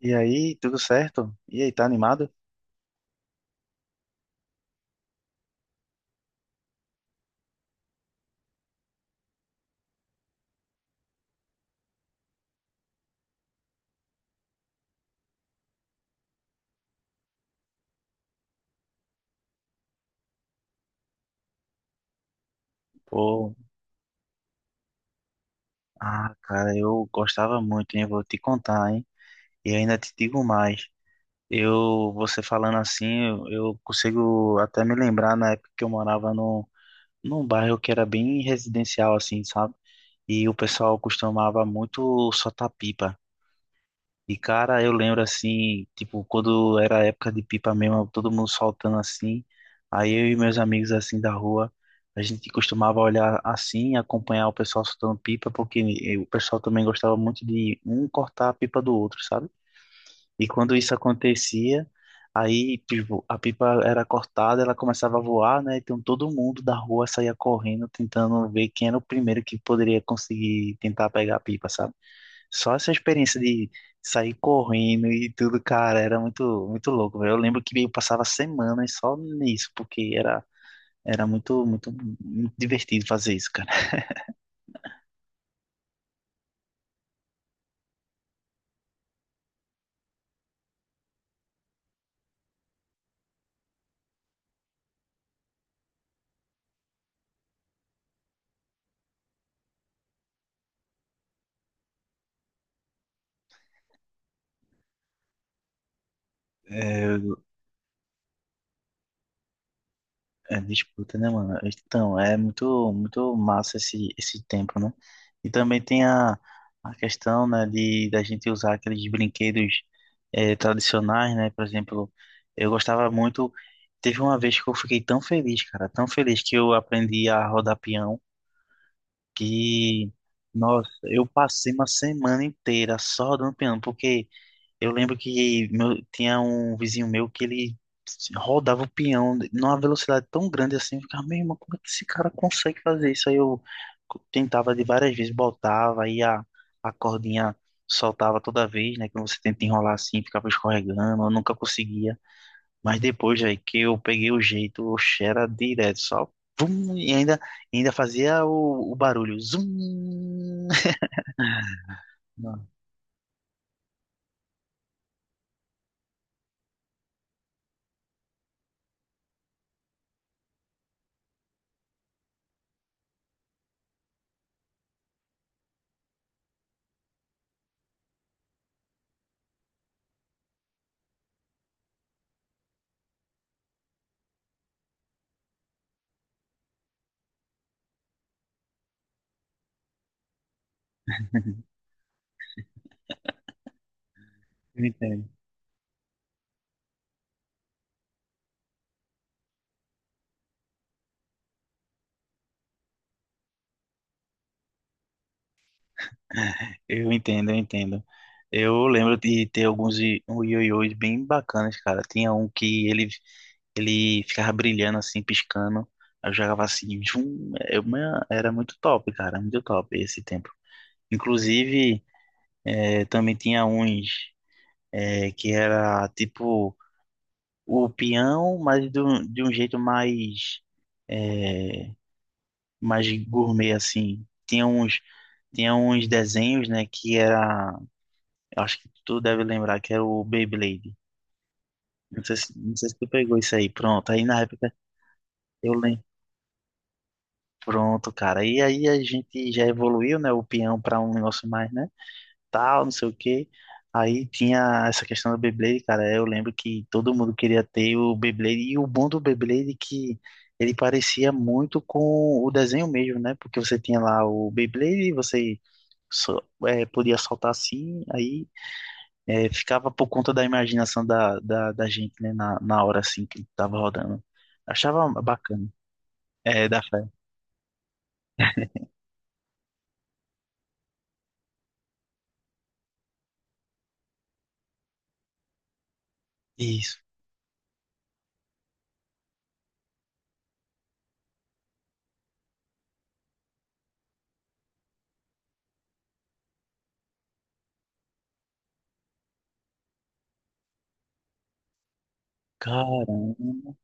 E aí, tudo certo? E aí, tá animado? Pô, cara, eu gostava muito, hein? Eu vou te contar, hein? E ainda te digo mais. Você falando assim, eu consigo até me lembrar na época que eu morava no, num bairro que era bem residencial, assim, sabe? E o pessoal costumava muito soltar pipa. E cara, eu lembro assim, tipo, quando era a época de pipa mesmo, todo mundo soltando assim. Aí eu e meus amigos assim da rua, a gente costumava olhar assim, acompanhar o pessoal soltando pipa, porque o pessoal também gostava muito de um cortar a pipa do outro, sabe? E quando isso acontecia, aí, tipo, a pipa era cortada, ela começava a voar, né? Então todo mundo da rua saía correndo, tentando ver quem era o primeiro que poderia conseguir tentar pegar a pipa, sabe? Só essa experiência de sair correndo e tudo, cara, era muito, muito louco, velho. Eu lembro que eu passava semanas só nisso, porque era muito, muito, muito divertido fazer isso, cara. É, é disputa, né, mano? Então, é muito, muito massa esse tempo, né? E também tem a questão, né, de da gente usar aqueles brinquedos tradicionais, né? Por exemplo, eu gostava muito. Teve uma vez que eu fiquei tão feliz, cara, tão feliz que eu aprendi a rodar peão. que, Nossa, eu passei uma semana inteira só dando piano, porque eu lembro que tinha um vizinho meu que ele rodava o peão numa velocidade tão grande assim, eu ficava, meu irmão, como é que esse cara consegue fazer isso? Aí eu tentava de várias vezes, botava, a cordinha soltava toda vez, né, que você tenta enrolar assim, ficava escorregando, eu nunca conseguia. Mas depois, velho, que eu peguei o jeito, o era direto, só. Vum, e ainda fazia o barulho. Zum! Não, eu entendo. Eu entendo, eu entendo. Eu lembro de ter alguns i- um ioiôs bem bacanas, cara. Tinha um que ele ficava brilhando assim, piscando. Aí eu jogava assim, zum, eu, man, era muito top, cara, muito top esse tempo. Inclusive, também tinha uns que era tipo. O peão, mas de um jeito mais, é, mais gourmet, assim. Tinha uns desenhos, né, eu acho que tu deve lembrar, que era o Beyblade. Não sei se, não sei se tu pegou isso aí, pronto. Aí na época eu lembro, pronto, cara. E aí a gente já evoluiu, né, o peão para um negócio mais, né? Tal, não sei o quê. Aí tinha essa questão do Beyblade, cara. Eu lembro que todo mundo queria ter o Beyblade. E o bom do Beyblade é que ele parecia muito com o desenho mesmo, né? Porque você tinha lá o Beyblade, você só, é, podia soltar assim, aí ficava por conta da imaginação da gente, né? Na hora assim que tava rodando. Achava bacana. É, da fé. Isso. Caramba.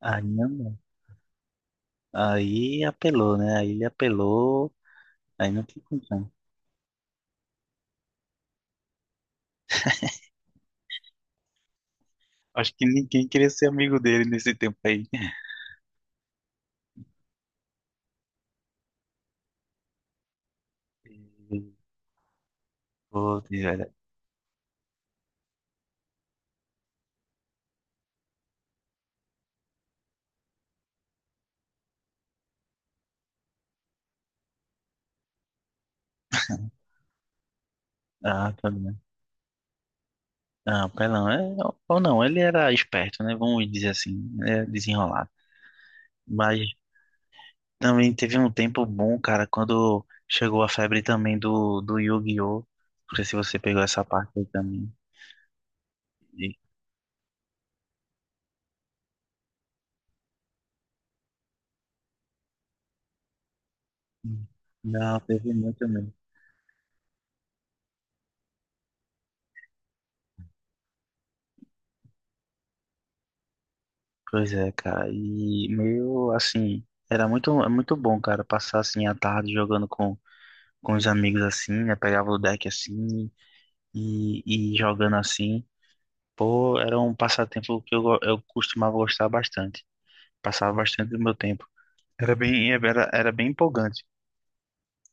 Aí, não. Aí apelou, né? Aí ele apelou. Aí não tem condição. Acho que ninguém queria ser amigo dele nesse tempo aí. E, pô, velho. Ah, tá bem. Ah, pelão, ou não, ele era esperto, né? Vamos dizer assim, é desenrolado. Mas também teve um tempo bom, cara, quando chegou a febre também do Yu-Gi-Oh! Não sei se você pegou essa parte aí também. E- não, teve muito mesmo. Pois é, cara. E meio assim, era muito, muito bom, cara, passar assim a tarde jogando com os amigos assim, né? Pegava o deck assim e jogando assim. Pô, era um passatempo que eu costumava gostar bastante. Passava bastante do meu tempo. Era bem empolgante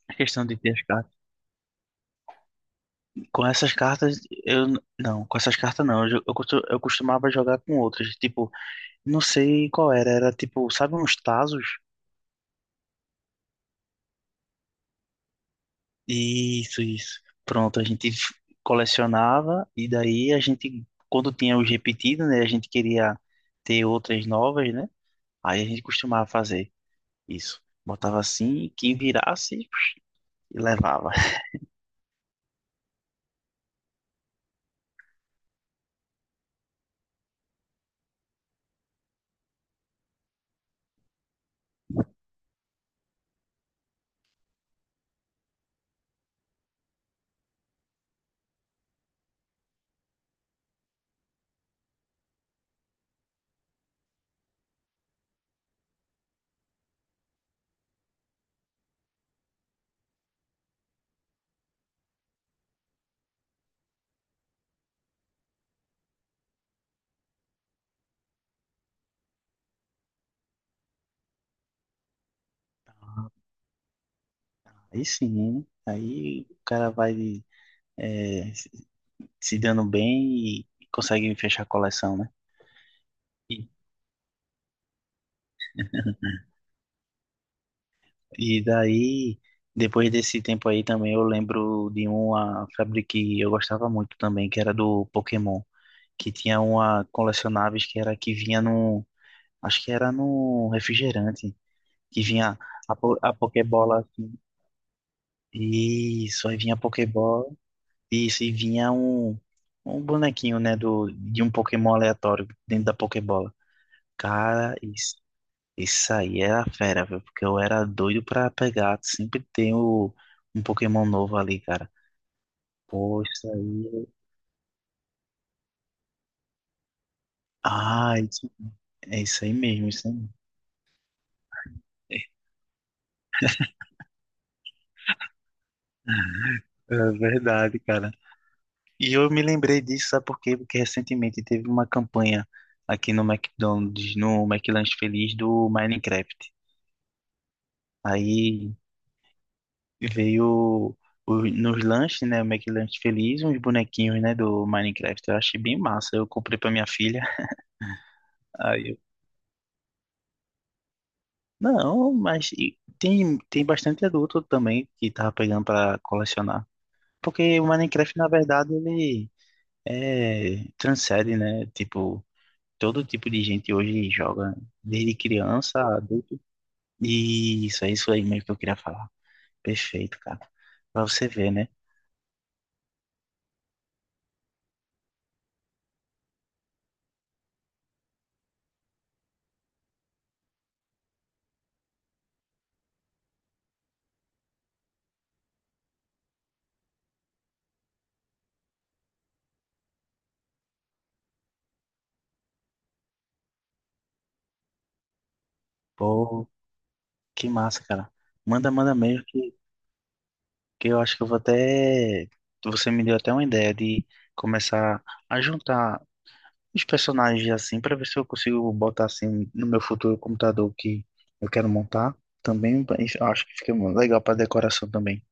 a questão de ter as cartas. Com essas cartas, não, com essas cartas não. Eu costumava jogar com outras. Tipo, não sei qual era. Era tipo, sabe, uns tazos? Isso, isso. Pronto, colecionava e daí a gente, quando tinha os repetidos, né, a gente queria ter outras novas, né? Aí a gente costumava fazer isso. Botava assim, quem virasse, levava. Aí sim, aí o cara vai eh, se se dando bem e consegue fechar a coleção, né? E, e daí, depois desse tempo aí também, eu lembro de uma febre que eu gostava muito também, que era do Pokémon. Que tinha uma colecionáveis que era que vinha no, acho que era no refrigerante, que vinha a Pokébola assim. Isso, aí vinha a Pokébola, isso, e vinha um bonequinho, né, de um Pokémon aleatório dentro da Pokébola. Cara, isso aí era fera, viu? Porque eu era doido pra pegar, sempre tem um Pokémon novo ali, cara. Pô, isso aí. Ah, isso, é isso aí mesmo, isso aí. É verdade, cara. E eu me lembrei disso, sabe por quê? Porque recentemente teve uma campanha aqui no McDonald's, no McLanche Feliz do Minecraft. Aí veio nos lanches, né, o McLanche Feliz, uns bonequinhos, né, do Minecraft. Eu achei bem massa. Eu comprei pra minha filha. Aí eu, não, mas tem, tem bastante adulto também que tava pegando pra colecionar. Porque o Minecraft, na verdade, ele transcende, né, tipo todo tipo de gente hoje joga, desde criança, adulto. E isso, é isso aí mesmo que eu queria falar. Perfeito, cara. Pra você ver, né? Pô, que massa, cara. Manda, manda mesmo que eu acho que eu vou até. Você me deu até uma ideia de começar a juntar os personagens assim, pra ver se eu consigo botar assim no meu futuro computador que eu quero montar. Também pra- eu acho que fica legal pra decoração também.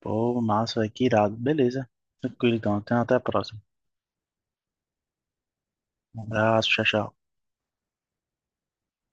Pô, massa, véi, que irado. Beleza. Tranquilo, então. Até até a próxima. Um abraço, tchau, tchau.